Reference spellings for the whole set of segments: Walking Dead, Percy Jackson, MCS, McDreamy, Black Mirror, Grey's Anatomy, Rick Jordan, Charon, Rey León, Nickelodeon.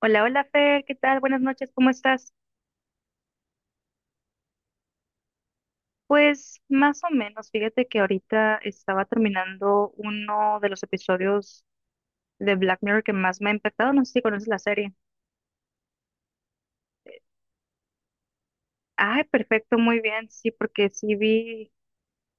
Hola, hola Fer, ¿qué tal? Buenas noches, ¿cómo estás? Pues más o menos, fíjate que ahorita estaba terminando uno de los episodios de Black Mirror que más me ha impactado. No sé si conoces la serie. Ay, perfecto, muy bien, sí, porque sí vi,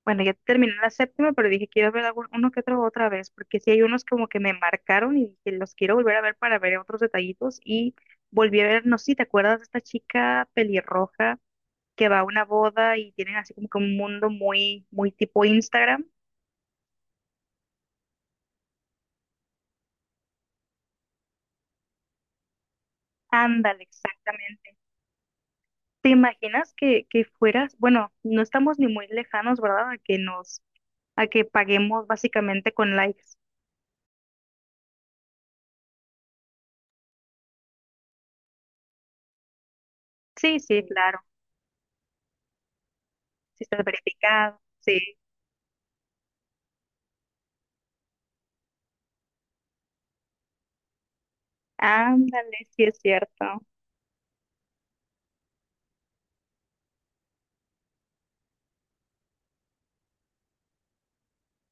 bueno, ya terminé la séptima, pero dije quiero ver uno que otro otra vez, porque sí hay unos como que me marcaron y que los quiero volver a ver para ver otros detallitos. Y volví a ver, no sé si te acuerdas de esta chica pelirroja que va a una boda y tienen así como que un mundo muy, muy tipo Instagram. Ándale, exactamente. ¿Te imaginas que fueras? Bueno, no estamos ni muy lejanos, ¿verdad? A que paguemos básicamente con likes. Sí, sí, sí, claro. Si estás verificado, sí. Ándale, sí, es cierto.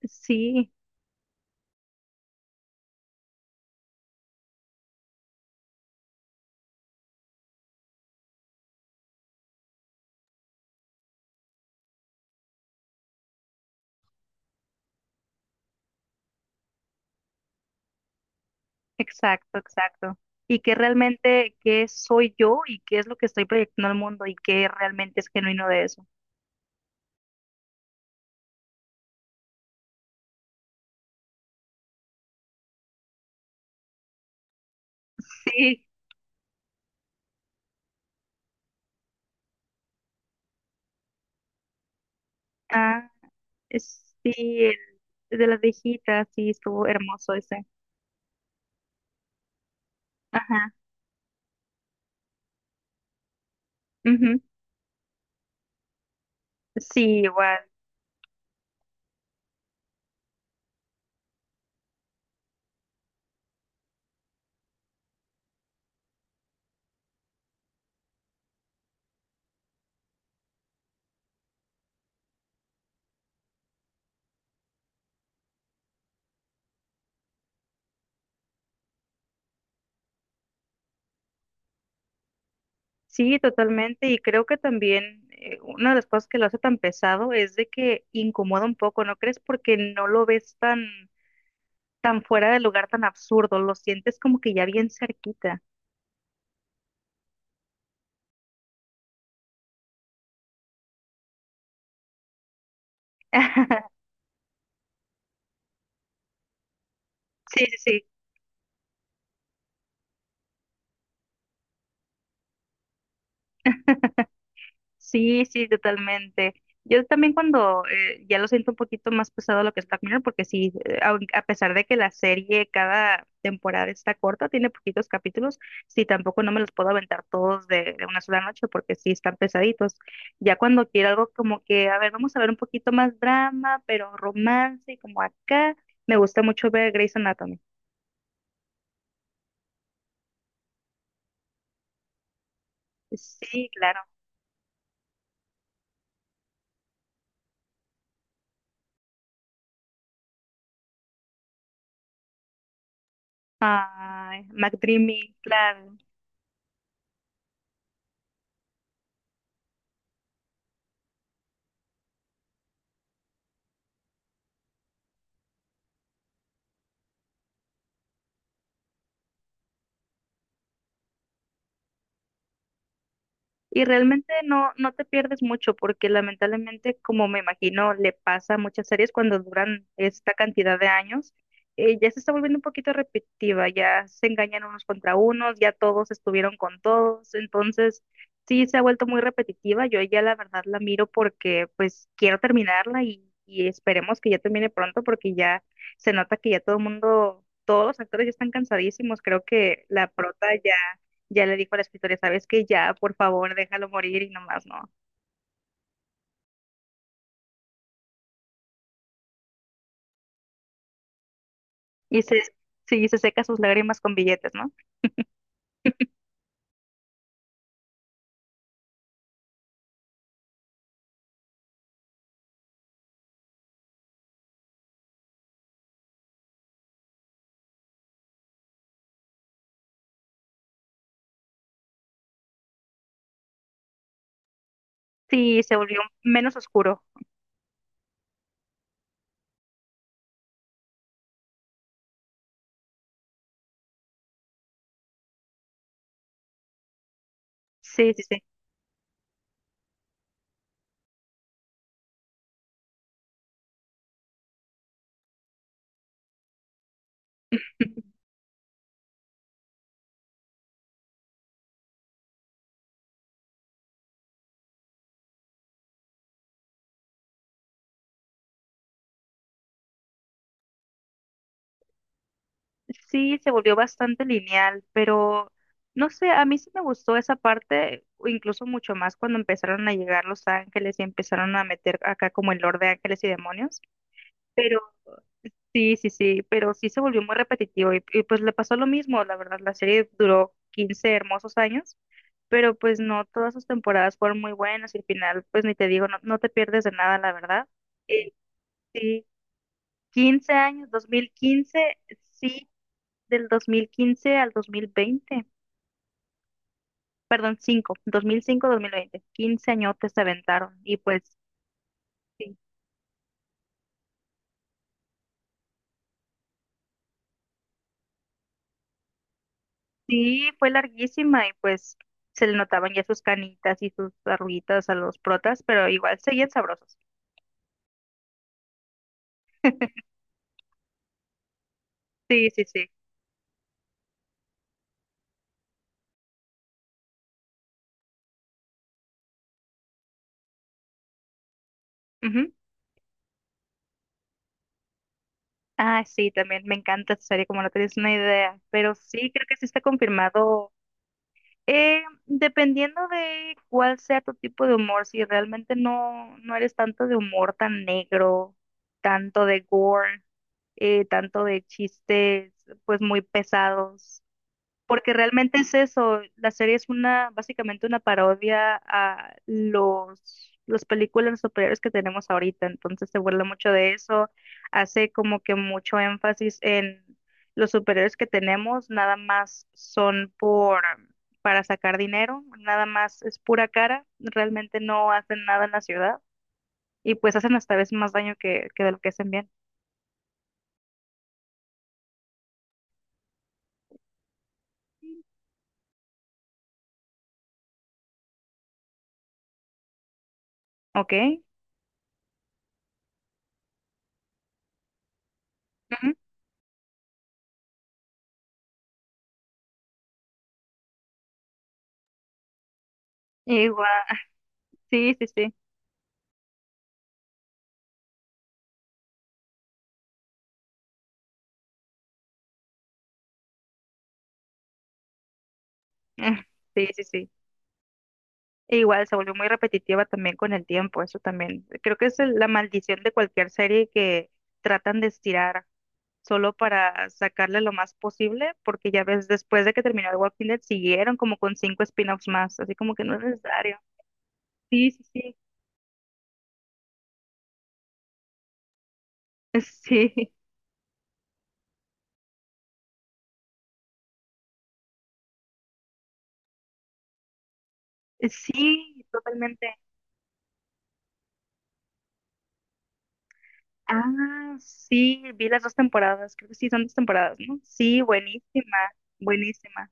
Sí, exacto, exacto. Y que realmente, qué soy yo y qué es lo que estoy proyectando al mundo y qué realmente es genuino de eso. Sí, ah, sí, de las viejitas, sí, estuvo hermoso ese. Ajá, ujú. Sí, igual, sí, totalmente. Y creo que también una de las cosas que lo hace tan pesado es de que incomoda un poco, ¿no crees? Porque no lo ves tan, tan fuera de lugar, tan absurdo, lo sientes como que ya bien cerquita. Sí, sí, sí, sí, totalmente. Yo también cuando ya lo siento un poquito más pesado lo que es Black Mirror, porque sí, a pesar de que la serie cada temporada está corta, tiene poquitos capítulos, sí, tampoco no me los puedo aventar todos de una sola noche porque sí están pesaditos. Ya cuando quiero algo como que, a ver, vamos a ver un poquito más drama, pero romance y como acá, me gusta mucho ver Grey's Anatomy. Sí, claro. Ay, McDreamy, claro. Y realmente no te pierdes mucho porque lamentablemente, como me imagino, le pasa a muchas series cuando duran esta cantidad de años. Ya se está volviendo un poquito repetitiva, ya se engañan unos contra unos, ya todos estuvieron con todos, entonces sí se ha vuelto muy repetitiva. Yo ya, la verdad, la miro porque pues quiero terminarla y esperemos que ya termine pronto, porque ya se nota que ya todo el mundo, todos los actores ya están cansadísimos. Creo que la prota ya le dijo a la escritora: ¿sabes que Ya, por favor, déjalo morir y nomás no. Y sí, se seca sus lágrimas con billetes, ¿no? Sí, se volvió menos oscuro. Sí, sí, sí. Sí, se volvió bastante lineal, pero no sé, a mí sí me gustó esa parte, o incluso mucho más cuando empezaron a llegar los ángeles y empezaron a meter acá como el Lord de Ángeles y Demonios. Sí, sí, sí, pero sí se volvió muy repetitivo y, pues le pasó lo mismo, la verdad, la serie duró 15 hermosos años, pero pues no todas sus temporadas fueron muy buenas y al final, pues ni te digo, no, no te pierdes de nada, la verdad. Eh, sí, 15 años, dos mil quince, sí, del 2015 al 2020, perdón, 5, 2005-2020, 15 añotes se aventaron y pues... sí. Sí, fue larguísima y pues se le notaban ya sus canitas y sus arruguitas a los protas, pero igual seguían sabrosos. Sí, sí, sí. Ujú. Ah, sí, también me encanta esa serie, como no tienes una idea, pero sí, creo que sí está confirmado. Dependiendo de cuál sea tu tipo de humor, si realmente no eres tanto de humor tan negro, tanto de gore, tanto de chistes pues muy pesados. Porque realmente es eso, la serie es una, básicamente una parodia a las películas superiores que tenemos ahorita, entonces se burla mucho de eso, hace como que mucho énfasis en los superiores que tenemos, nada más son para sacar dinero, nada más es pura cara, realmente no hacen nada en la ciudad, y pues hacen hasta vez más daño que de lo que hacen bien. ¿Ok? Ujú. Igual, sí, sí, sí, sí, sí, sí. E igual se volvió muy repetitiva también con el tiempo, eso también. Creo que es la maldición de cualquier serie que tratan de estirar solo para sacarle lo más posible, porque ya ves, después de que terminó el Walking Dead, siguieron como con cinco spin-offs más, así como que no es necesario. Sí, sí, sí, sí, sí, totalmente. Ah, sí, vi las dos temporadas, creo que sí, son dos temporadas, ¿no? Sí, buenísima, buenísima.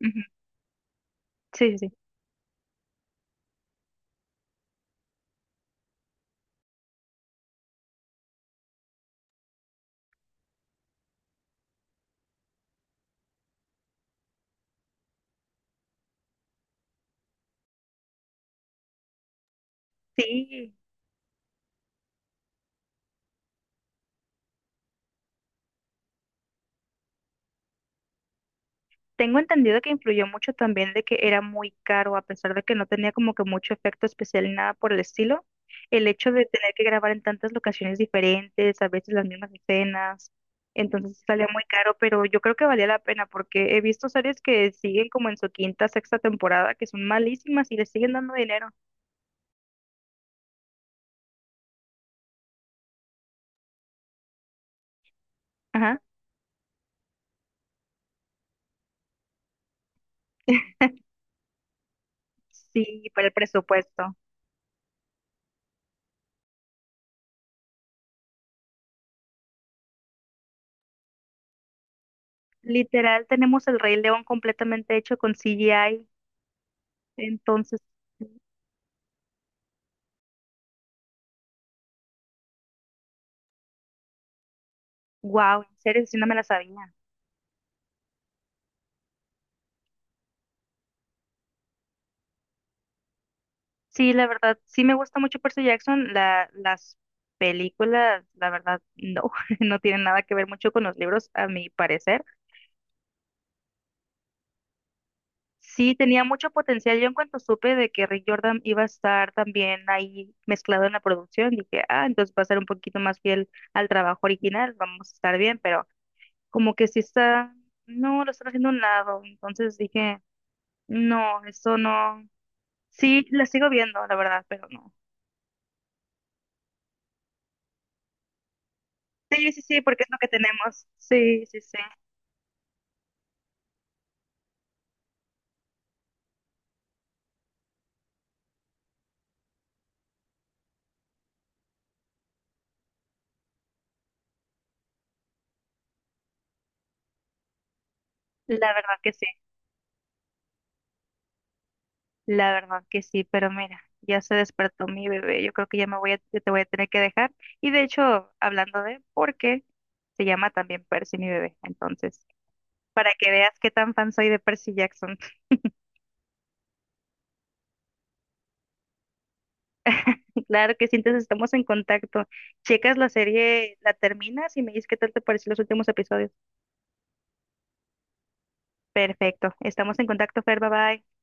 Ujú, sí, sí, sí. Sí. Tengo entendido que influyó mucho también de que era muy caro, a pesar de que no tenía como que mucho efecto especial ni nada por el estilo. El hecho de tener que grabar en tantas locaciones diferentes, a veces las mismas escenas, entonces salía muy caro, pero yo creo que valía la pena porque he visto series que siguen como en su quinta, sexta temporada, que son malísimas y les siguen dando dinero. Ajá. Sí, para el presupuesto. Literal, tenemos el Rey León completamente hecho con CGI, entonces, wow, en serio, sí no me la sabía. Sí, la verdad, sí me gusta mucho Percy Jackson. Las películas, la verdad, no, no tienen nada que ver mucho con los libros, a mi parecer. Sí, tenía mucho potencial. Yo en cuanto supe de que Rick Jordan iba a estar también ahí mezclado en la producción, dije, ah, entonces va a ser un poquito más fiel al trabajo original, vamos a estar bien, pero como que sí está, no, lo están haciendo a un lado. Entonces dije, no, eso no. Sí, la sigo viendo, la verdad, pero no. Sí, sí, sí, porque es lo que tenemos. Sí, sí, sí. La verdad que sí, la verdad que sí, pero mira, ya se despertó mi bebé, yo creo que ya me voy a, ya te voy a tener que dejar. Y de hecho, hablando de, porque se llama también Percy mi bebé, entonces, para que veas qué tan fan soy de Percy Jackson. Claro que sí. Entonces estamos en contacto. Checas la serie, la terminas y me dices qué tal te pareció los últimos episodios. Perfecto, estamos en contacto, Fer, bye bye.